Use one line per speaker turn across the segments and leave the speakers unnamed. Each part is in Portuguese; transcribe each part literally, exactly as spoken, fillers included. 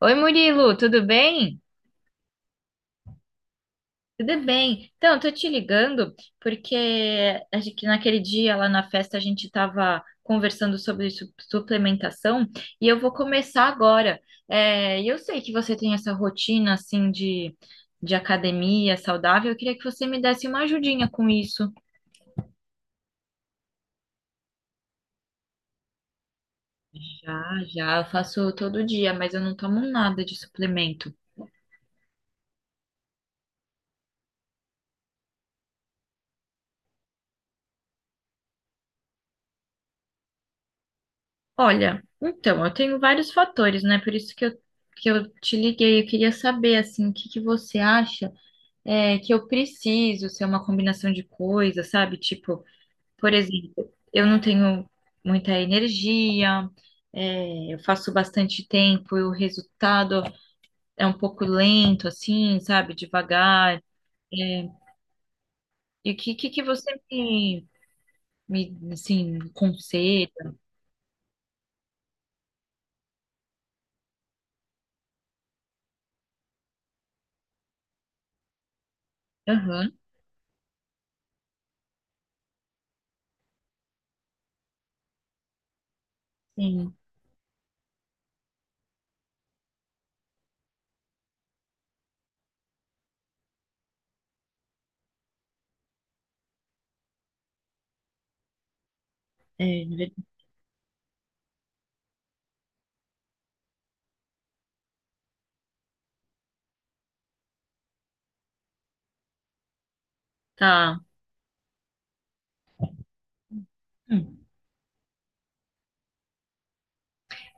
Oi, Murilo, tudo bem? Tudo bem. Então, eu tô te ligando porque a gente- que naquele dia lá na festa a gente estava conversando sobre su- suplementação e eu vou começar agora. É, e eu sei que você tem essa rotina assim de, de academia saudável. Eu queria que você me desse uma ajudinha com isso. Já, já, eu faço todo dia, mas eu não tomo nada de suplemento. Olha, então, eu tenho vários fatores, né? Por isso que eu, que eu te liguei. Eu queria saber, assim, o que que você acha é, que eu preciso ser uma combinação de coisas, sabe? Tipo, por exemplo, eu não tenho muita energia, é, eu faço bastante tempo e o resultado é um pouco lento, assim, sabe? Devagar. E o que, que, que você me, me, assim, conselha? Aham, sim. É, tá. Hum.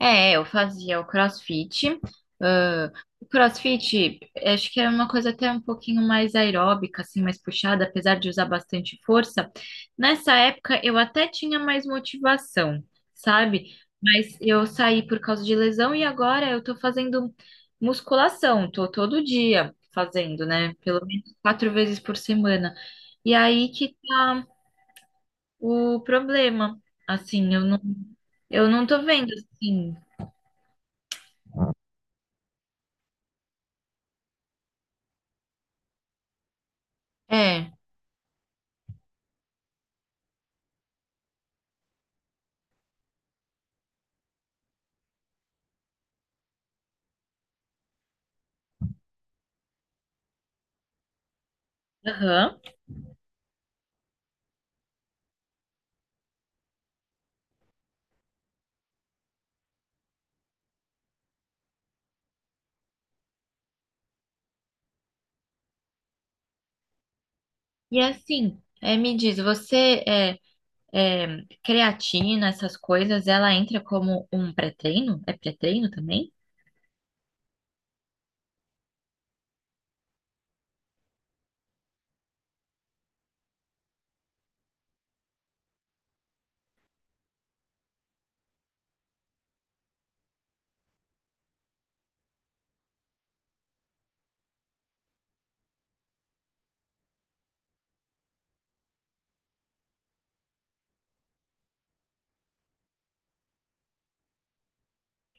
É, eu fazia o CrossFit. ãh, o CrossFit, acho que era uma coisa até um pouquinho mais aeróbica, assim, mais puxada, apesar de usar bastante força. Nessa época, eu até tinha mais motivação, sabe? Mas eu saí por causa de lesão e agora eu tô fazendo musculação, tô todo dia fazendo, né? Pelo menos quatro vezes por semana. E aí que tá o problema. Assim, eu não, eu não tô vendo, assim. É. Aham. E assim, eh, me diz, você é, é, creatina, essas coisas, ela entra como um pré-treino? É pré-treino também?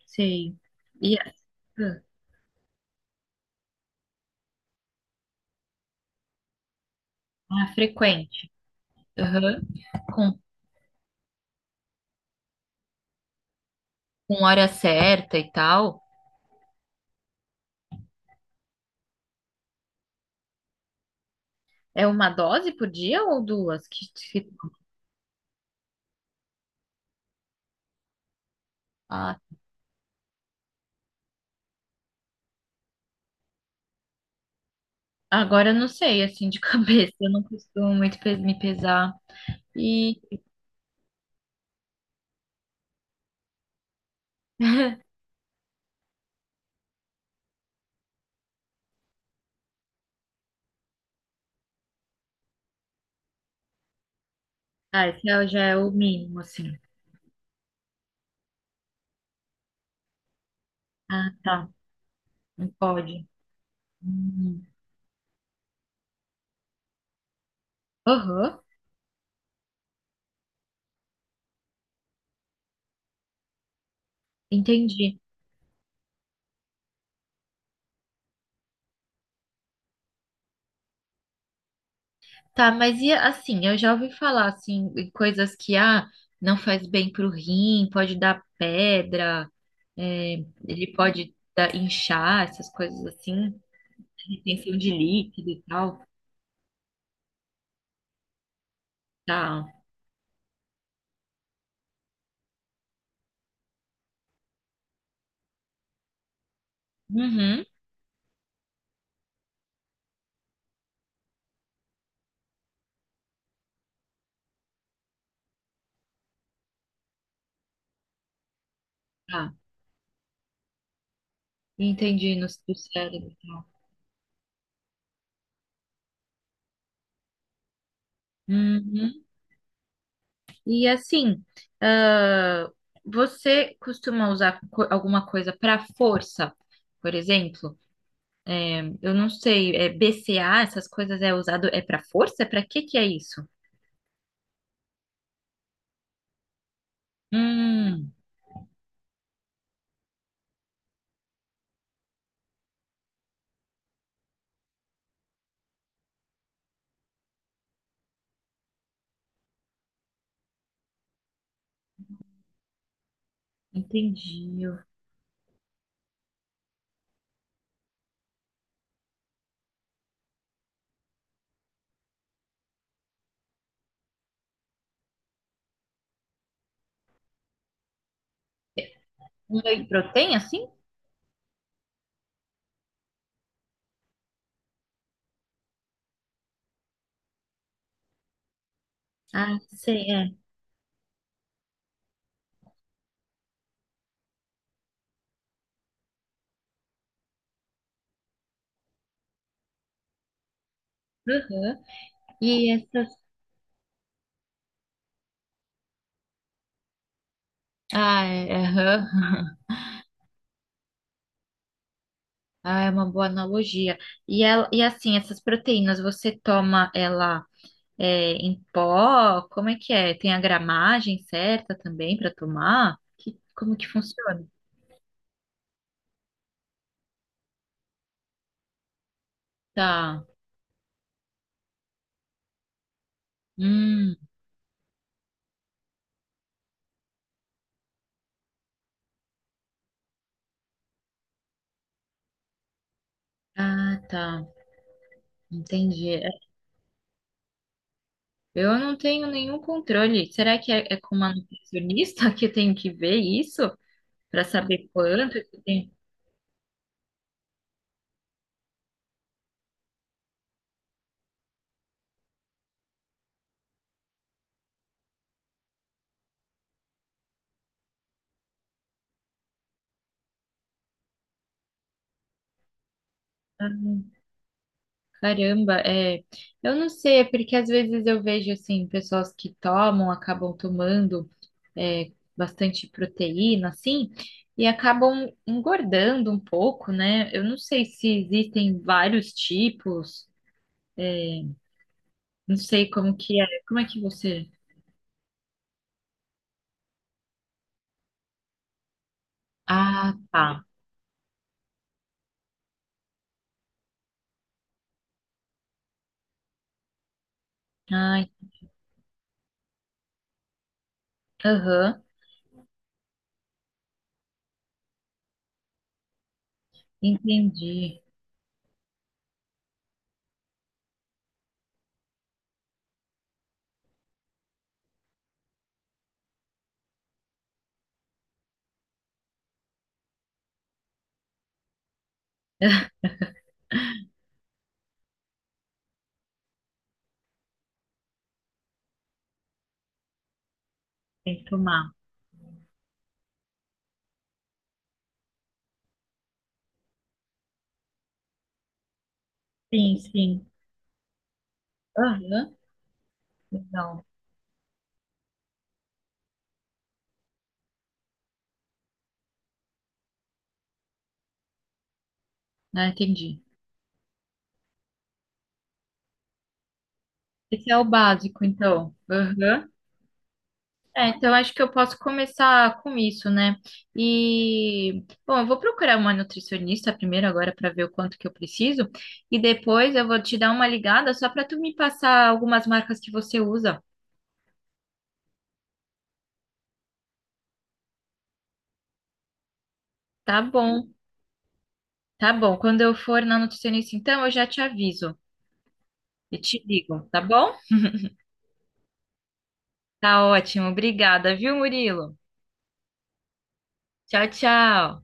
Sim. E é ah, é frequente. Aham. Com, com hora certa e tal. É uma dose por dia ou duas? Que, que- ah, agora eu não sei, assim, de cabeça. Eu não costumo muito pe- me pesar. E ah, esse é o- já é o mínimo, assim. Ah, tá. Não pode. Hum. Aham, entendi. Tá, mas e assim, eu já ouvi falar assim, em coisas que ah, não faz bem pro rim, pode dar pedra, é, ele pode dar, inchar, essas coisas assim, retenção de líquido e tal. Tá. Uhum, tá. Entendi no, do cérebro e tal. Uhum. E assim, ah, você costuma usar co- alguma coisa para força, por exemplo? Eu não sei, é B C A, essas coisas é usado é para força? Para que que é isso? Hum, entendi. Um whey protein, assim? Ah, sei, é. Uhum. E essas... Ah, é, é, aham. Ah, é uma boa analogia. E, ela, e assim, essas proteínas, você toma ela é, em pó? Como é que é? Tem a gramagem certa também para tomar? Que, como que funciona? Tá. Hum. Ah, tá. Entendi. É, eu não tenho nenhum controle. Será que é, é com uma nutricionista que eu tenho que ver isso? Para saber quanto que tem. Ah, caramba, é. Eu não sei, é porque às vezes eu vejo assim, pessoas que tomam, acabam tomando é, bastante proteína, assim, e acabam engordando um pouco, né? Eu não sei se existem vários tipos, não sei como que é. Como é que você. Ah, tá. Ai, aham, entendi. Tem que tomar. Sim, sim. Aham, legal. Ah, entendi. Esse é o básico, então. Aham. É, então acho que eu posso começar com isso, né? E, bom, eu vou procurar uma nutricionista primeiro agora para ver o quanto que eu preciso e depois eu vou te dar uma ligada só para tu me passar algumas marcas que você usa. Tá bom, tá bom. Quando eu for na nutricionista, então eu já te aviso e te digo, tá bom? Tá ótimo, obrigada, viu, Murilo? Tchau, tchau.